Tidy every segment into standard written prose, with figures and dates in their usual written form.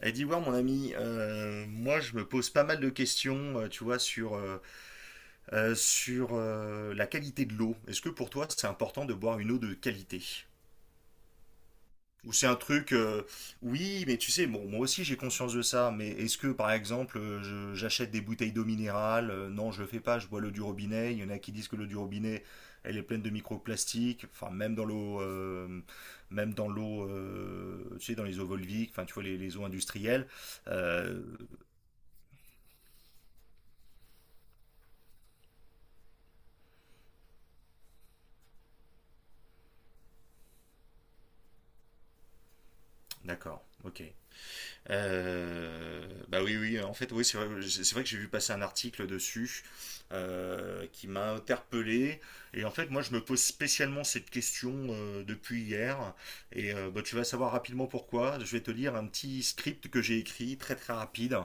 Elle dit ouais mon ami, moi je me pose pas mal de questions, tu vois, sur la qualité de l'eau. Est-ce que pour toi c'est important de boire une eau de qualité? Ou c'est un truc, oui, mais tu sais, bon, moi aussi j'ai conscience de ça, mais est-ce que par exemple j'achète des bouteilles d'eau minérale? Non, je le fais pas, je bois l'eau du robinet. Il y en a qui disent que l'eau du robinet, elle est pleine de microplastiques, enfin même dans l'eau, euh, tu sais, dans les eaux volviques, enfin tu vois les eaux industrielles. Euh, D'accord, ok. Bah oui, oui, en fait, oui, c'est vrai que j'ai vu passer un article dessus qui m'a interpellé. Et en fait, moi, je me pose spécialement cette question depuis hier. Et bah, tu vas savoir rapidement pourquoi. Je vais te lire un petit script que j'ai écrit, très très rapide.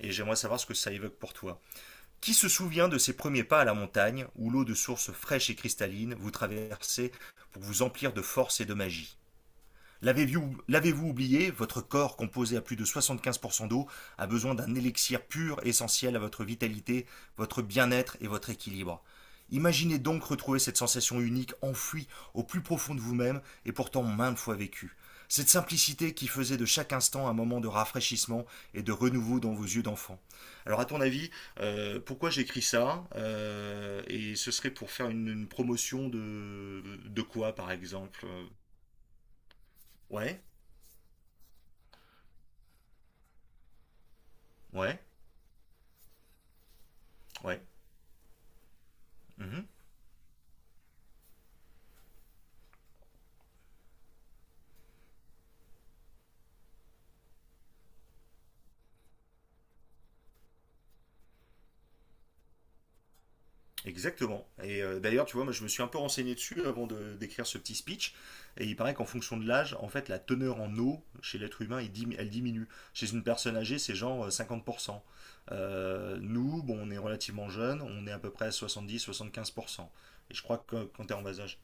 Et j'aimerais savoir ce que ça évoque pour toi. Qui se souvient de ses premiers pas à la montagne, où l'eau de source fraîche et cristalline vous traversait pour vous emplir de force et de magie? L'avez-vous oublié? Votre corps, composé à plus de 75% d'eau, a besoin d'un élixir pur essentiel à votre vitalité, votre bien-être et votre équilibre. Imaginez donc retrouver cette sensation unique enfouie au plus profond de vous-même et pourtant maintes fois vécue. Cette simplicité qui faisait de chaque instant un moment de rafraîchissement et de renouveau dans vos yeux d'enfant. Alors à ton avis, pourquoi j'écris ça? Et ce serait pour faire une promotion de quoi par exemple? Ouais, ouais. Ouais. Mhm. Exactement. Et d'ailleurs, tu vois, moi, je me suis un peu renseigné dessus avant de d'écrire ce petit speech. Et il paraît qu'en fonction de l'âge, en fait, la teneur en eau chez l'être humain, elle diminue. Chez une personne âgée, c'est genre 50%. Nous, bon, on est relativement jeunes, on est à peu près à 70-75%. Et je crois que quand tu es en bas âge.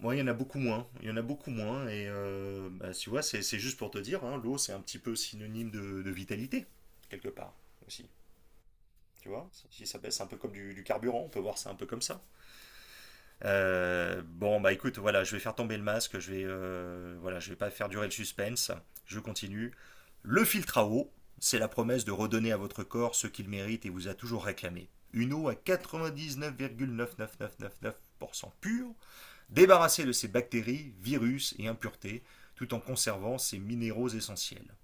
Moi, il y en a beaucoup moins. Il y en a beaucoup moins. Et bah, tu vois, c'est juste pour te dire, hein, l'eau, c'est un petit peu synonyme de vitalité, quelque part, aussi. Tu vois, si ça baisse, c'est un peu comme du carburant, on peut voir ça un peu comme ça. Bon, bah écoute, voilà, je vais faire tomber le masque, voilà, je vais pas faire durer le suspense, je continue. Le filtre à eau, c'est la promesse de redonner à votre corps ce qu'il mérite et vous a toujours réclamé. Une eau à 99,99999% pure, débarrassée de ses bactéries, virus et impuretés, tout en conservant ses minéraux essentiels.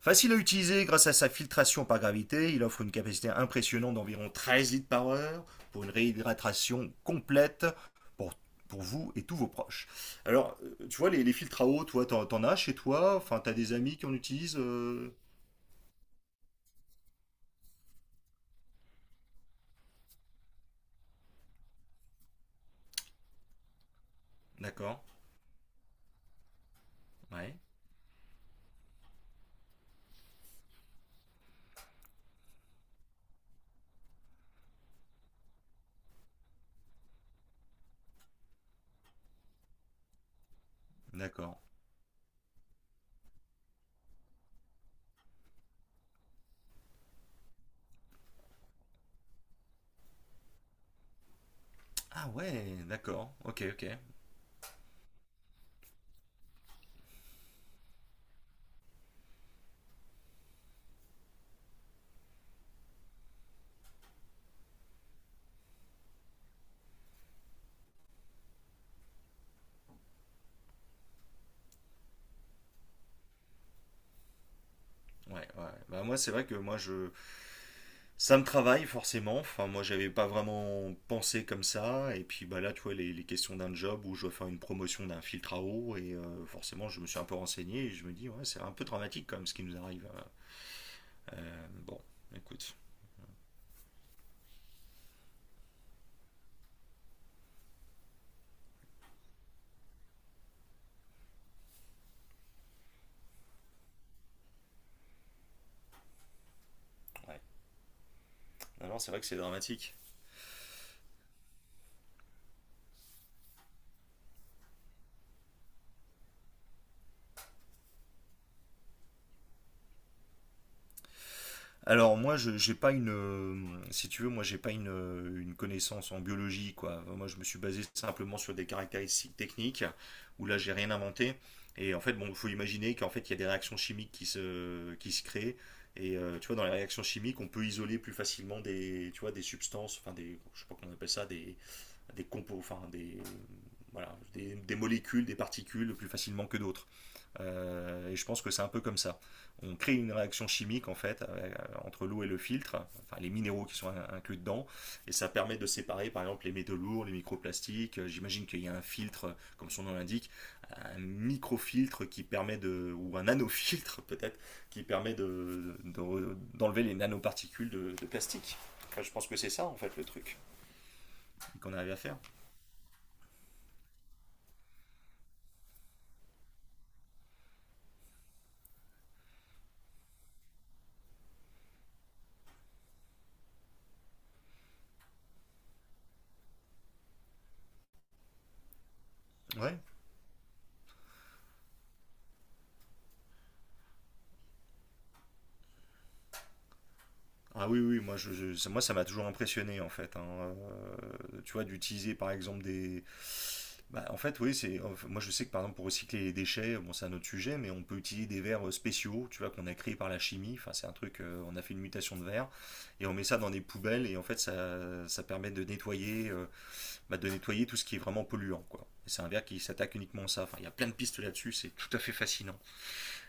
Facile à utiliser grâce à sa filtration par gravité, il offre une capacité impressionnante d'environ 13 litres par heure pour une réhydratation complète pour, pour vous et tous vos proches. Alors, tu vois, les filtres à eau, toi, t'en as chez toi? Enfin, t'as des amis qui en utilisent? D'accord. Ouais. D'accord. Ah ouais, d'accord. Ok, ok. Ouais, ouais. Bah moi, c'est vrai que moi, je, ça me travaille forcément. Enfin, moi, j'avais pas vraiment pensé comme ça. Et puis, bah là, tu vois, les questions d'un job où je dois faire une promotion d'un filtre à eau. Et forcément, je me suis un peu renseigné et je me dis, ouais, c'est un peu dramatique quand même ce qui nous arrive. Bon, écoute. Ouais. Non, non, c'est vrai que c'est dramatique. Alors moi, je j'ai pas une, si tu veux, moi j'ai pas une connaissance en biologie quoi. Moi, je me suis basé simplement sur des caractéristiques techniques où là j'ai rien inventé. Et en fait, bon, faut imaginer qu'en fait il y a des réactions chimiques qui se créent. Et tu vois, dans les réactions chimiques, on peut isoler plus facilement des, tu vois, des substances, enfin des, je sais pas comment on appelle ça, des compos, enfin des, voilà, des molécules, des particules plus facilement que d'autres. Et je pense que c'est un peu comme ça. On crée une réaction chimique en fait entre l'eau et le filtre, enfin les minéraux qui sont inclus dedans, et ça permet de séparer par exemple les métaux lourds, les microplastiques. J'imagine qu'il y a un filtre, comme son nom l'indique, un microfiltre qui permet de, ou un nanofiltre peut-être, qui permet de d'enlever les nanoparticules de plastique. Enfin, je pense que c'est ça en fait le truc qu'on arrive à faire. Ouais, ah oui, oui, moi, ça m'a toujours impressionné en fait, hein. Tu vois, d'utiliser par exemple des. Bah, en fait, oui, c'est. En fait, moi je sais que par exemple pour recycler les déchets, bon, c'est un autre sujet, mais on peut utiliser des verres spéciaux, tu vois, qu'on a créés par la chimie. Enfin, c'est un truc, on a fait une mutation de verre et on met ça dans des poubelles et en fait ça permet de nettoyer, bah, de nettoyer tout ce qui est vraiment polluant, quoi. Et c'est un verre qui s'attaque uniquement à ça. Enfin, il y a plein de pistes là-dessus, c'est tout à fait fascinant.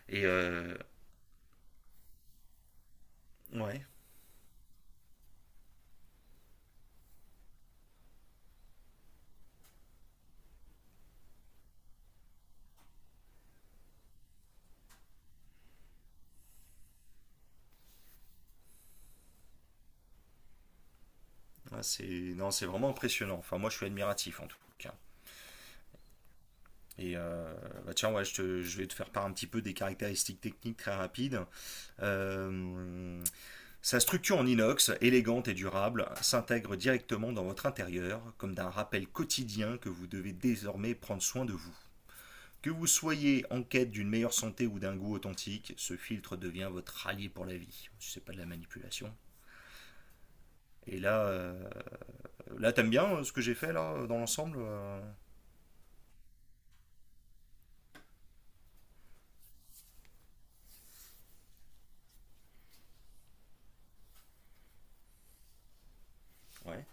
Et ouais, ouais, c'est non, c'est vraiment impressionnant. Enfin, moi je suis admiratif en tout cas. Et bah tiens, ouais, je vais te faire part un petit peu des caractéristiques techniques très rapides. Euh, Sa structure en inox, élégante et durable, s'intègre directement dans votre intérieur, comme d'un rappel quotidien que vous devez désormais prendre soin de vous. Que vous soyez en quête d'une meilleure santé ou d'un goût authentique, ce filtre devient votre allié pour la vie. Si c'est pas de la manipulation. Et là, là t'aimes bien ce que j'ai fait là dans l'ensemble? Ouais.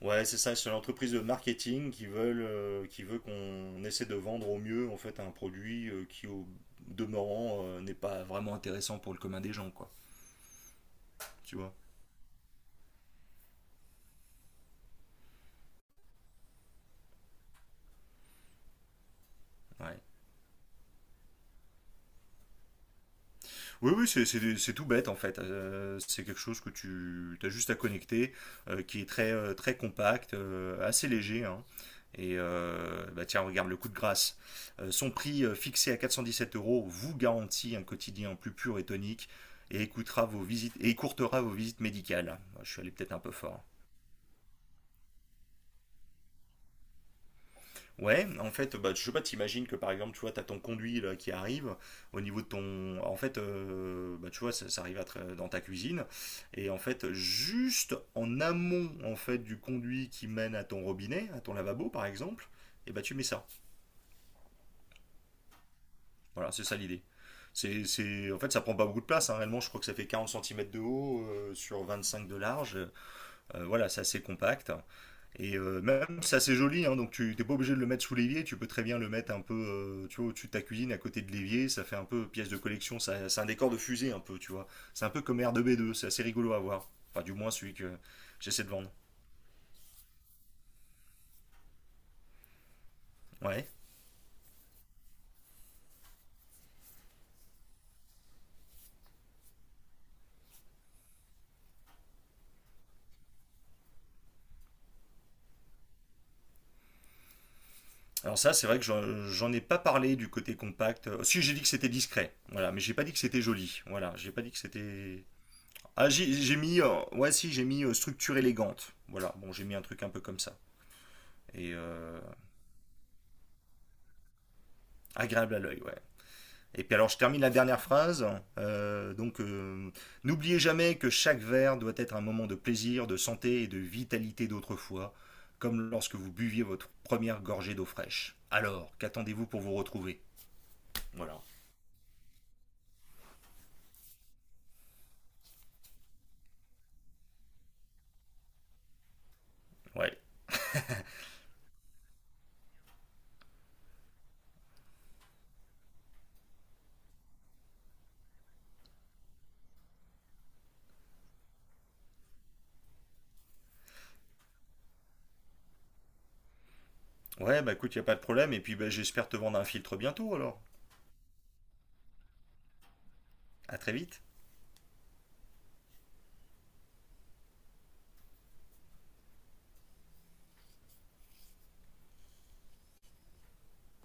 Ouais, c'est ça, c'est une entreprise de marketing qui veulent, qui veut qu'on essaie de vendre au mieux en fait un produit qui au demeurant n'est pas vraiment intéressant pour le commun des gens quoi. Tu vois? Ouais. Oui, oui, c'est tout bête en fait. C'est quelque chose que tu as juste à connecter, qui est très, très compact, assez léger, hein. Et bah tiens, regarde le coup de grâce. Son prix fixé à 417 euros vous garantit un quotidien plus pur et tonique et écourtera vos visites médicales. Je suis allé peut-être un peu fort. Ouais, en fait, bah, je sais pas, t'imagines que par exemple, tu vois, t'as ton conduit là, qui arrive au niveau de ton. En fait, bah, tu vois, ça arrive dans ta cuisine. Et en fait, juste en amont en fait, du conduit qui mène à ton robinet, à ton lavabo par exemple, et bah, tu mets ça. Voilà, c'est ça l'idée. C'est... En fait, ça prend pas beaucoup de place, hein. Réellement, je crois que ça fait 40 centimètres de haut sur 5 de large. Voilà, c'est assez compact. Et même, si c'est assez joli, hein, donc tu t'es pas obligé de le mettre sous l'évier, tu peux très bien le mettre un peu, tu vois, au-dessus de ta cuisine, à côté de l'évier, ça fait un peu pièce de collection, c'est un décor de fusée un peu, tu vois. C'est un peu comme R2B2, c'est assez rigolo à voir. Enfin, du moins celui que j'essaie de vendre. Ouais. Alors ça, c'est vrai que j'en ai pas parlé du côté compact. Si, j'ai dit que c'était discret, voilà, mais j'ai pas dit que c'était joli, voilà, j'ai pas dit que c'était... Ah, j'ai mis, ouais, si, j'ai mis structure élégante, voilà, bon, j'ai mis un truc un peu comme ça. Et agréable à l'œil, ouais. Et puis alors je termine la dernière phrase. Euh, donc euh, N'oubliez jamais que chaque verre doit être un moment de plaisir, de santé et de vitalité d'autrefois, comme lorsque vous buviez votre première gorgée d'eau fraîche. Alors, qu'attendez-vous pour vous retrouver? Voilà. Ouais. Ouais, bah écoute, il y a pas de problème. Et puis bah, j'espère te vendre un filtre bientôt alors. À très vite.